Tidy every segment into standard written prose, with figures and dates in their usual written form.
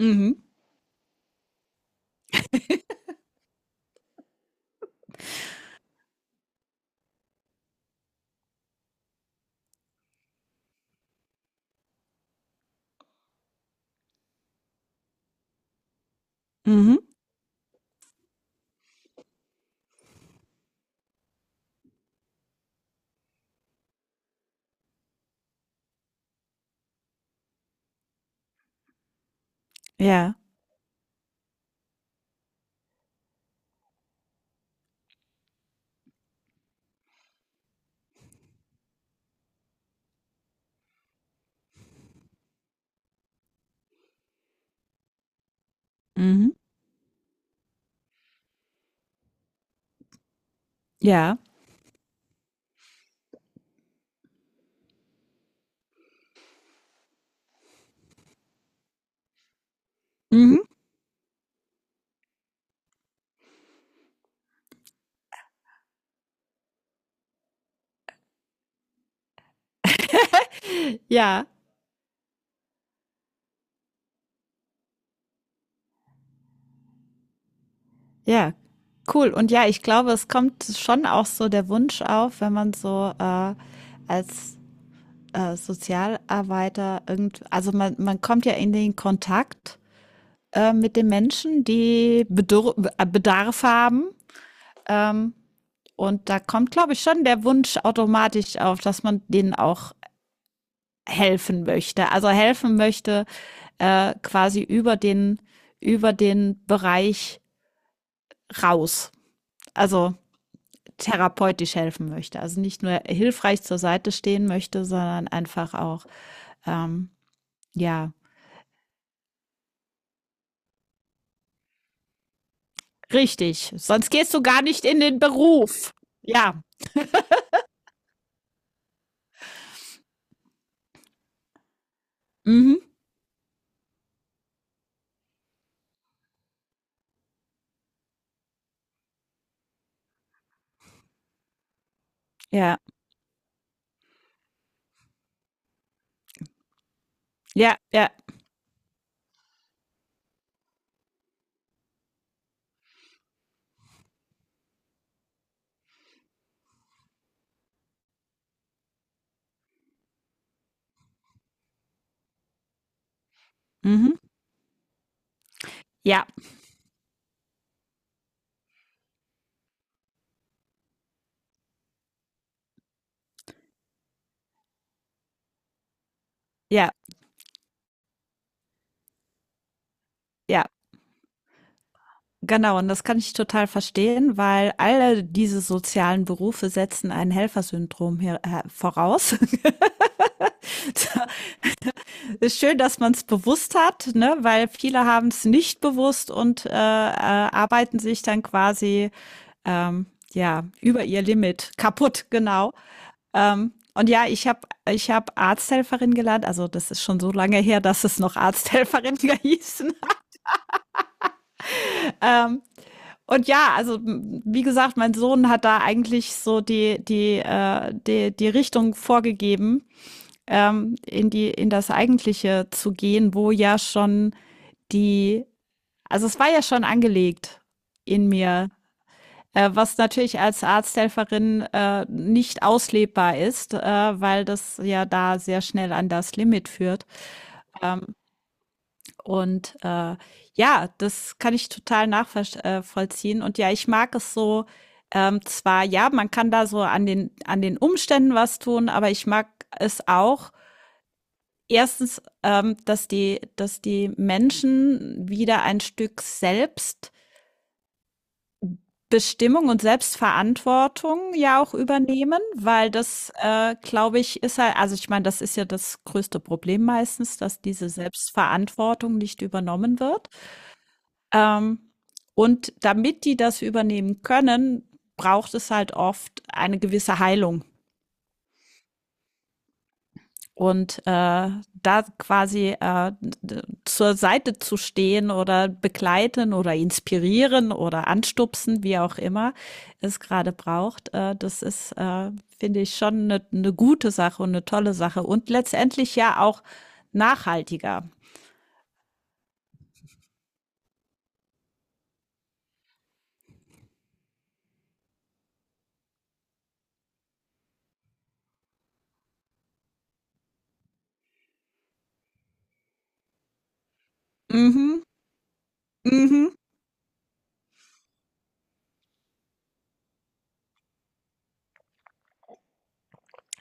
Mhm. Mhm. Ja. Mhm. Ja. Mhm. ja. Ja. Cool. Und ja, ich glaube, es kommt schon auch so der Wunsch auf, wenn man so als Sozialarbeiter man kommt ja in den Kontakt mit den Menschen, die Bedur Bedarf haben. Ähm, und da kommt, glaube ich, schon der Wunsch automatisch auf, dass man denen auch helfen möchte. Also helfen möchte, quasi über den Bereich raus. Also therapeutisch helfen möchte. Also nicht nur hilfreich zur Seite stehen möchte, sondern einfach auch, ähm, ja, richtig. Sonst gehst du gar nicht in den Beruf. Ja. Mhm. Ja. Ja. Ja. Mhm. Ja. Ja. Ja. Genau, und das kann ich total verstehen, weil alle diese sozialen Berufe setzen ein Helfersyndrom hier voraus. Ist schön, dass man es bewusst hat, ne? Weil viele haben es nicht bewusst und arbeiten sich dann quasi ähm, ja über ihr Limit kaputt, genau. Und ja, ich hab Arzthelferin gelernt, also das ist schon so lange her, dass es noch Arzthelferin hießen. Ähm, und ja, also wie gesagt, mein Sohn hat da eigentlich so die Richtung vorgegeben, in in das Eigentliche zu gehen, wo ja schon die, also es war ja schon angelegt in mir, was natürlich als Arzthelferin nicht auslebbar ist, weil das ja da sehr schnell an das Limit führt. Ähm, und äh, ja, das kann ich total nachvollziehen. Und ja, ich mag es so. Zwar, ja, man kann da so an an den Umständen was tun, aber ich mag es auch, erstens, dass dass die Menschen wieder ein Stück Selbstbestimmung und Selbstverantwortung ja auch übernehmen, weil das, glaube ich, ist halt, also ich meine, das ist ja das größte Problem meistens, dass diese Selbstverantwortung nicht übernommen wird. Ähm, und damit die das übernehmen können, braucht es halt oft eine gewisse Heilung. Und da quasi zur Seite zu stehen oder begleiten oder inspirieren oder anstupsen, wie auch immer es gerade braucht, das ist, finde ich, schon eine gute Sache und eine tolle Sache und letztendlich ja auch nachhaltiger. Mhm, mhm.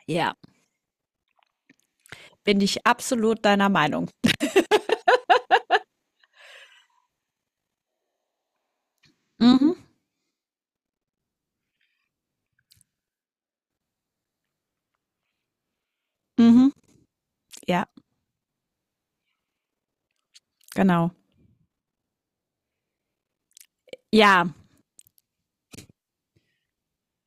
Ja, bin ich absolut deiner Meinung. Mhm, mhm. Ja, genau. Ja,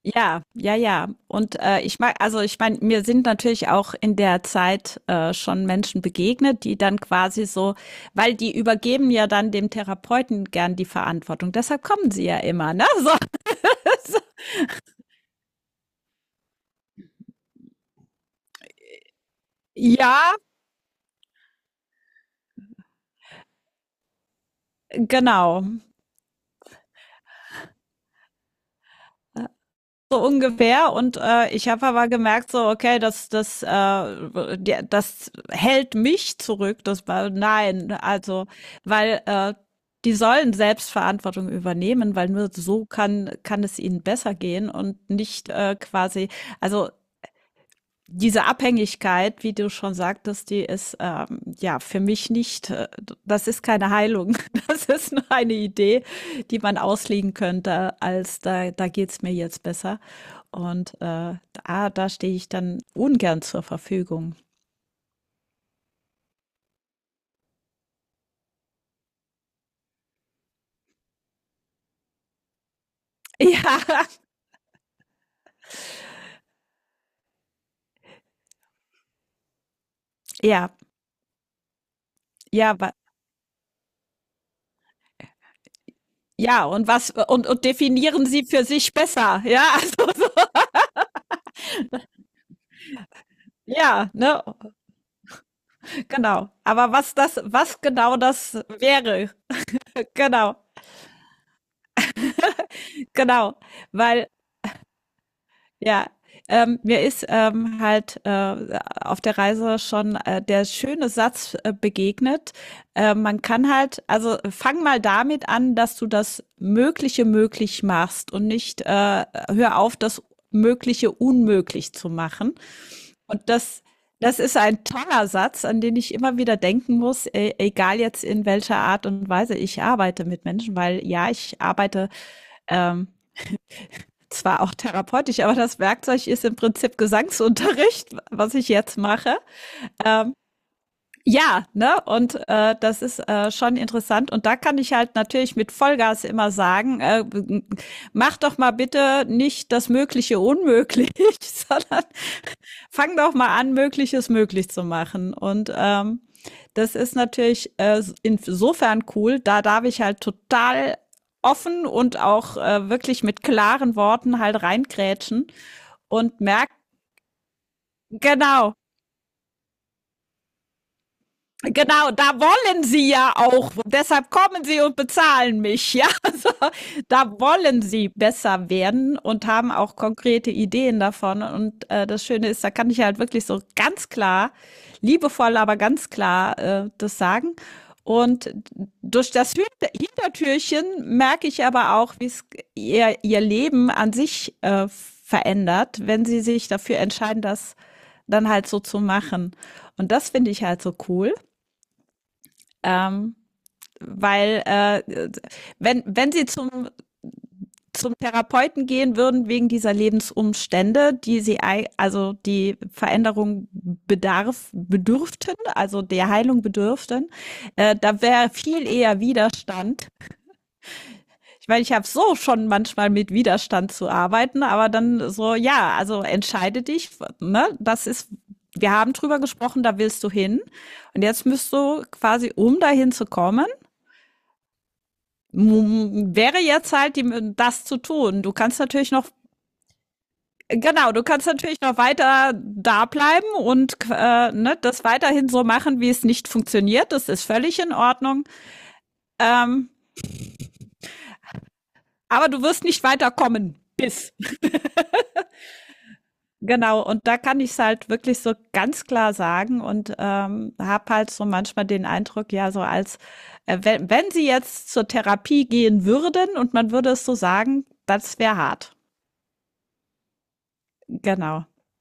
ja, ja, ja. Und ich mag, also ich meine, mir sind natürlich auch in der Zeit schon Menschen begegnet, die dann quasi so, weil die übergeben ja dann dem Therapeuten gern die Verantwortung. Deshalb kommen sie ja immer, ne? So. Ja, genau, so ungefähr. Und ich habe aber gemerkt, so, okay, das hält mich zurück. Das war, nein, also, weil die sollen Selbstverantwortung übernehmen, weil nur so kann es ihnen besser gehen und nicht quasi, also diese Abhängigkeit, wie du schon sagtest, die ist ja für mich nicht, das ist keine Heilung. Das ist nur eine Idee, die man auslegen könnte, als da, da geht's mir jetzt besser. Und da, da stehe ich dann ungern zur Verfügung. Ja, ja, ja, wa- ja, und definieren sie für sich besser. Ja, also so. Ja, ne, genau. Aber was das, was genau das wäre, genau, genau. Weil ja, mir ist, halt, auf der Reise schon, der schöne Satz, begegnet. Man kann halt, also fang mal damit an, dass du das Mögliche möglich machst und nicht, hör auf, das Mögliche unmöglich zu machen. Und das ist ein toller Satz, an den ich immer wieder denken muss, e egal jetzt in welcher Art und Weise ich arbeite mit Menschen, weil ja, ich arbeite, ähm, zwar auch therapeutisch, aber das Werkzeug ist im Prinzip Gesangsunterricht, was ich jetzt mache. Ja, ne? Und das ist schon interessant. Und da kann ich halt natürlich mit Vollgas immer sagen, mach doch mal bitte nicht das Mögliche unmöglich, sondern fang doch mal an, Mögliches möglich zu machen. Und das ist natürlich insofern cool, da darf ich halt total offen und auch wirklich mit klaren Worten halt reingrätschen und merke, genau, genau, da wollen sie ja auch. Deshalb kommen sie und bezahlen mich. Ja, also, da wollen sie besser werden und haben auch konkrete Ideen davon. Und das Schöne ist, da kann ich halt wirklich so ganz klar, liebevoll, aber ganz klar das sagen. Und durch das Hintertürchen merke ich aber auch, wie es ihr Leben an sich verändert, wenn sie sich dafür entscheiden, das dann halt so zu machen. Und das finde ich halt so cool. Ähm, weil wenn, Wenn sie zum Therapeuten gehen würden wegen dieser Lebensumstände, die sie, also die Veränderung bedarf, bedürften, also der Heilung bedürften, da wäre viel eher Widerstand. Ich meine, ich habe so schon manchmal mit Widerstand zu arbeiten, aber dann so, ja, also entscheide dich, ne? Das ist, wir haben drüber gesprochen, da willst du hin. Und jetzt müsst du quasi, um dahin zu kommen, wäre jetzt halt das zu tun. Du kannst natürlich noch, genau, du kannst natürlich noch weiter da bleiben und ne, das weiterhin so machen, wie es nicht funktioniert. Das ist völlig in Ordnung. Ähm, aber du wirst nicht weiterkommen. Bis. Genau, und da kann ich es halt wirklich so ganz klar sagen und habe halt so manchmal den Eindruck, ja, so als, wenn sie jetzt zur Therapie gehen würden und man würde es so sagen, das wäre hart. Genau.